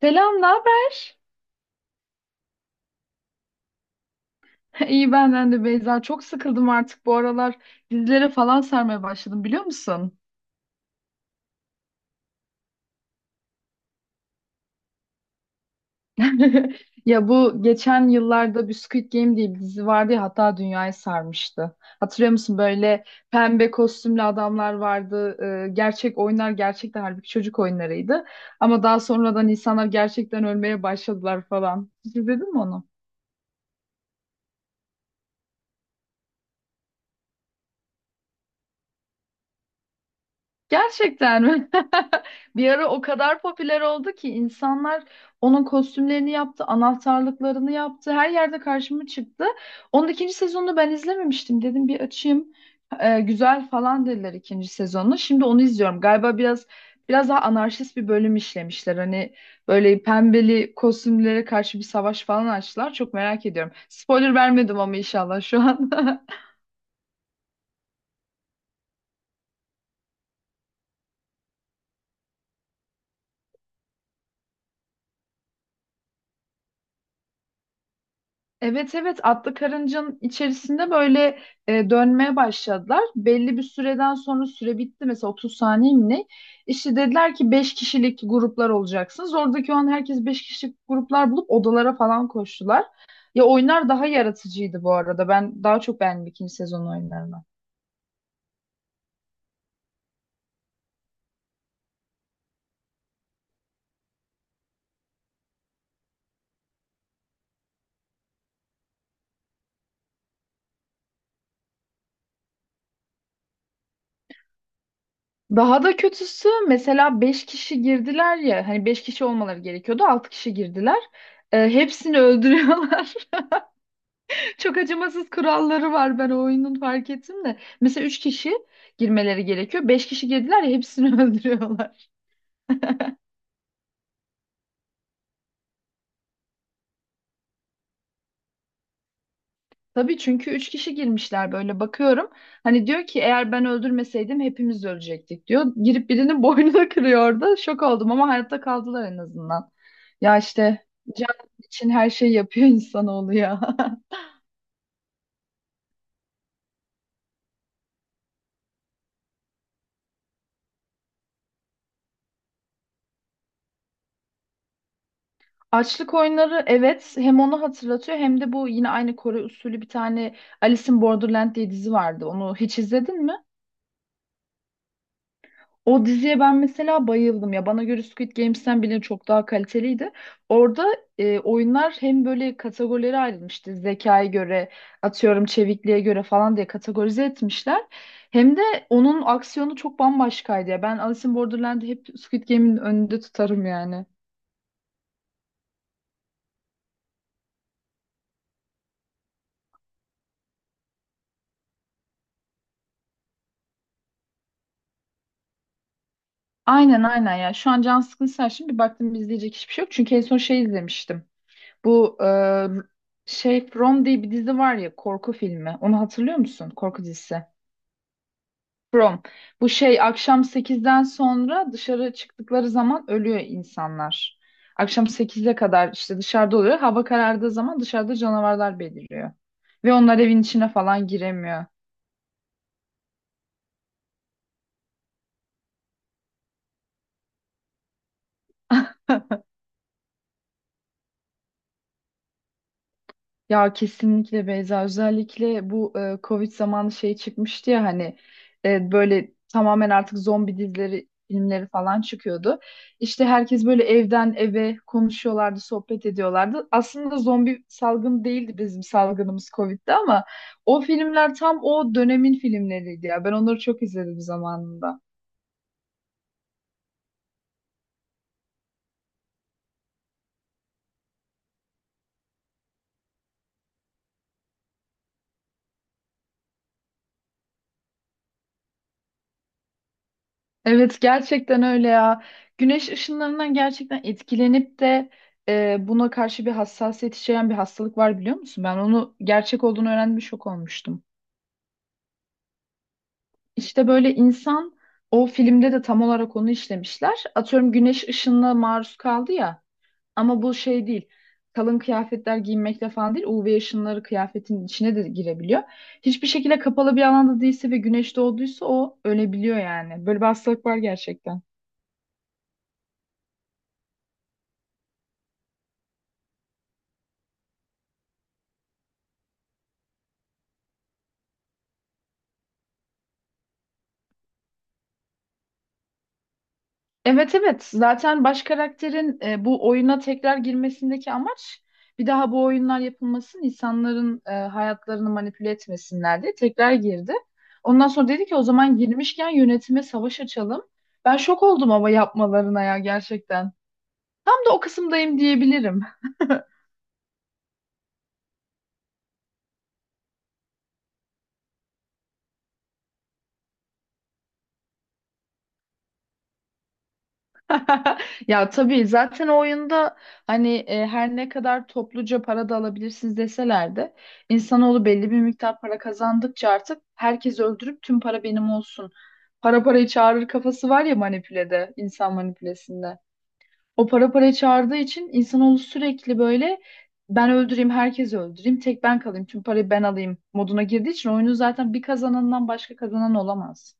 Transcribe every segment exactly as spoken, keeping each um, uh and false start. Selam, ne haber? İyi benden de Beyza. Çok sıkıldım artık bu aralar. Dizilere falan sarmaya başladım biliyor musun? Ya bu geçen yıllarda bir Squid Game diye bir dizi vardı ya hatta dünyayı sarmıştı. Hatırlıyor musun böyle pembe kostümlü adamlar vardı. Ee, gerçek oyunlar gerçekten halbuki çocuk oyunlarıydı. Ama daha sonradan insanlar gerçekten ölmeye başladılar falan. Hiç izledin mi onu? Gerçekten mi? Bir ara o kadar popüler oldu ki insanlar onun kostümlerini yaptı, anahtarlıklarını yaptı. Her yerde karşıma çıktı. Onun ikinci sezonunu ben izlememiştim. Dedim bir açayım. Ee, güzel falan dediler ikinci sezonunu. Şimdi onu izliyorum. Galiba biraz biraz daha anarşist bir bölüm işlemişler. Hani böyle pembeli kostümlere karşı bir savaş falan açtılar. Çok merak ediyorum. Spoiler vermedim ama inşallah şu an. Evet evet, atlı karıncanın içerisinde böyle e, dönmeye başladılar. Belli bir süreden sonra süre bitti mesela otuz saniye mi ne? İşte dediler ki beş kişilik gruplar olacaksınız. Oradaki o an herkes beş kişilik gruplar bulup odalara falan koştular. Ya oyunlar daha yaratıcıydı bu arada. Ben daha çok beğendim ikinci sezon oyunlarını. Daha da kötüsü mesela beş kişi girdiler ya hani beş kişi olmaları gerekiyordu altı kişi girdiler. E, hepsini öldürüyorlar. Çok acımasız kuralları var ben o oyunun fark ettim de. Mesela üç kişi girmeleri gerekiyor. Beş kişi girdiler ya hepsini öldürüyorlar. Tabii çünkü üç kişi girmişler böyle bakıyorum. Hani diyor ki eğer ben öldürmeseydim hepimiz ölecektik diyor. Girip birinin boynunu kırıyor orada. Şok oldum ama hayatta kaldılar en azından. Ya işte can için her şeyi yapıyor insanoğlu ya. Açlık oyunları evet, hem onu hatırlatıyor hem de bu yine aynı Kore usulü bir tane Alice in Borderland diye dizi vardı. Onu hiç izledin mi? O diziye ben mesela bayıldım ya. Bana göre Squid Games'ten bile çok daha kaliteliydi. Orada e, oyunlar hem böyle kategorilere ayrılmıştı. Zekaya göre, atıyorum çevikliğe göre falan diye kategorize etmişler. Hem de onun aksiyonu çok bambaşkaydı ya. Ben Alice in Borderland'i hep Squid Game'in önünde tutarım yani. Aynen aynen ya. Şu an can sıkıntısı, şimdi bir baktım izleyecek hiçbir şey yok. Çünkü en son şey izlemiştim. Bu e, şey From diye bir dizi var ya, korku filmi. Onu hatırlıyor musun? Korku dizisi. Prom. Bu şey akşam sekizden sonra dışarı çıktıkları zaman ölüyor insanlar. Akşam sekize kadar işte dışarıda oluyor. Hava karardığı zaman dışarıda canavarlar beliriyor. Ve onlar evin içine falan giremiyor. Ya kesinlikle Beyza, özellikle bu e, Covid zamanı şey çıkmıştı ya hani e, böyle tamamen artık zombi dizileri filmleri falan çıkıyordu. İşte herkes böyle evden eve konuşuyorlardı, sohbet ediyorlardı. Aslında zombi salgını değildi, bizim salgınımız Covid'di ama o filmler tam o dönemin filmleriydi ya. Ben onları çok izledim zamanında. Evet gerçekten öyle ya. Güneş ışınlarından gerçekten etkilenip de e, buna karşı bir hassasiyet içeren bir hastalık var biliyor musun? Ben onu gerçek olduğunu öğrendim, şok olmuştum. İşte böyle insan, o filmde de tam olarak onu işlemişler. Atıyorum güneş ışınına maruz kaldı ya, ama bu şey değil. Kalın kıyafetler giymekle falan değil. U V ışınları kıyafetin içine de girebiliyor. Hiçbir şekilde kapalı bir alanda değilse ve güneş doğduysa o ölebiliyor yani. Böyle bir hastalık var gerçekten. Evet evet, zaten baş karakterin e, bu oyuna tekrar girmesindeki amaç bir daha bu oyunlar yapılmasın, insanların e, hayatlarını manipüle etmesinler diye tekrar girdi. Ondan sonra dedi ki o zaman girmişken yönetime savaş açalım. Ben şok oldum ama yapmalarına ya, gerçekten. Tam da o kısımdayım diyebilirim. Ya tabii zaten o oyunda hani e, her ne kadar topluca para da alabilirsiniz deseler de insanoğlu belli bir miktar para kazandıkça artık herkes öldürüp tüm para benim olsun. Para parayı çağırır kafası var ya, manipülede, insan manipülesinde. O para parayı çağırdığı için insanoğlu sürekli böyle ben öldüreyim, herkesi öldüreyim, tek ben kalayım, tüm parayı ben alayım moduna girdiği için oyunu zaten bir kazanandan başka kazanan olamaz.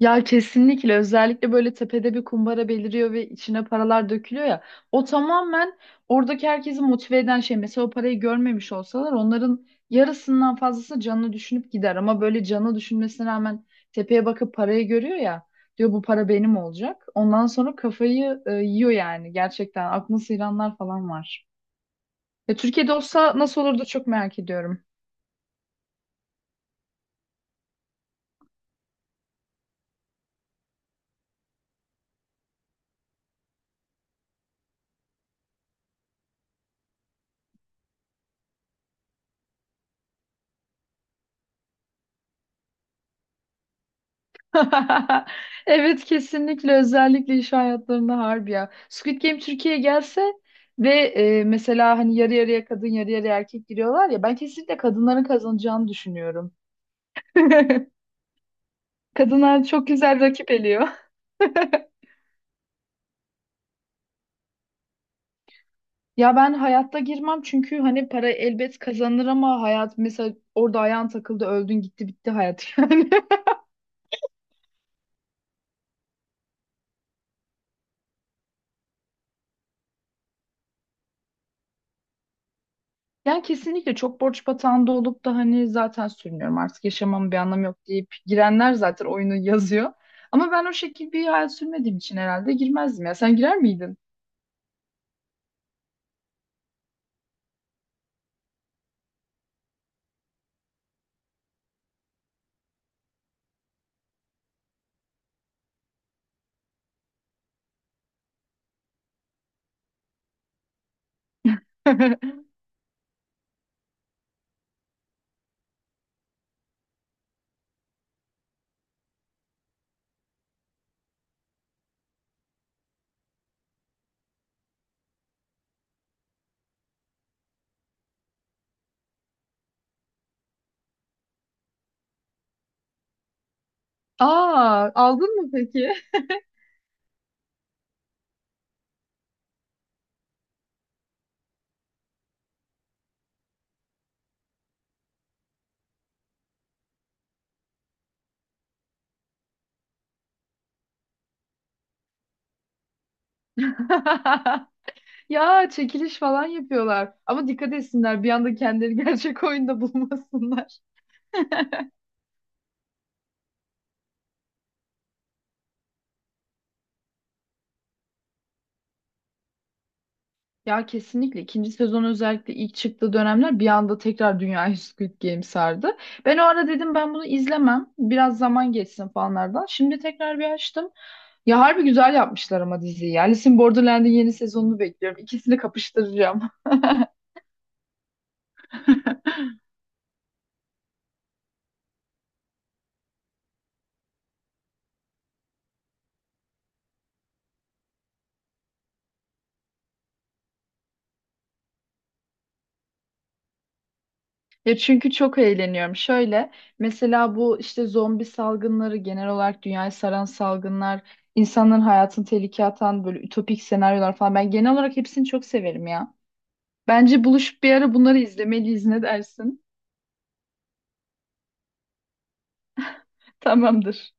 Ya kesinlikle, özellikle böyle tepede bir kumbara beliriyor ve içine paralar dökülüyor ya. O tamamen oradaki herkesi motive eden şey. Mesela o parayı görmemiş olsalar onların yarısından fazlası canını düşünüp gider. Ama böyle canı düşünmesine rağmen tepeye bakıp parayı görüyor ya. Diyor bu para benim olacak. Ondan sonra kafayı e, yiyor yani gerçekten. Aklını sıyıranlar falan var. Ya Türkiye'de olsa nasıl olurdu çok merak ediyorum. Evet kesinlikle, özellikle iş hayatlarında harbi ya. Squid Game Türkiye'ye gelse ve e, mesela hani yarı yarıya kadın yarı yarıya erkek giriyorlar ya, ben kesinlikle kadınların kazanacağını düşünüyorum. Kadınlar çok güzel rakip eliyor. Ya ben hayatta girmem, çünkü hani para elbet kazanır ama hayat, mesela orada ayağın takıldı öldün gitti bitti hayat yani. Yani kesinlikle, çok borç batağında olup da hani zaten sürünüyorum artık yaşamamın bir anlamı yok deyip girenler zaten oyunu yazıyor. Ama ben o şekilde bir hayat sürmediğim için herhalde girmezdim ya. Sen girer miydin? Aa, aldın mı peki? Ya çekiliş falan yapıyorlar. Ama dikkat etsinler bir anda kendileri gerçek oyunda bulmasınlar. Ya kesinlikle ikinci sezon, özellikle ilk çıktığı dönemler bir anda tekrar dünyayı Squid Game sardı. Ben o ara dedim ben bunu izlemem. Biraz zaman geçsin falanlardan. Şimdi tekrar bir açtım. Ya harbi güzel yapmışlar ama diziyi. Ya Alice in Borderland'in yeni sezonunu bekliyorum. İkisini kapıştıracağım. Ya çünkü çok eğleniyorum. Şöyle, mesela bu işte zombi salgınları, genel olarak dünyayı saran salgınlar, insanların hayatını tehlikeye atan böyle ütopik senaryolar falan. Ben genel olarak hepsini çok severim ya. Bence buluşup bir ara bunları izlemeliyiz, ne dersin? Tamamdır.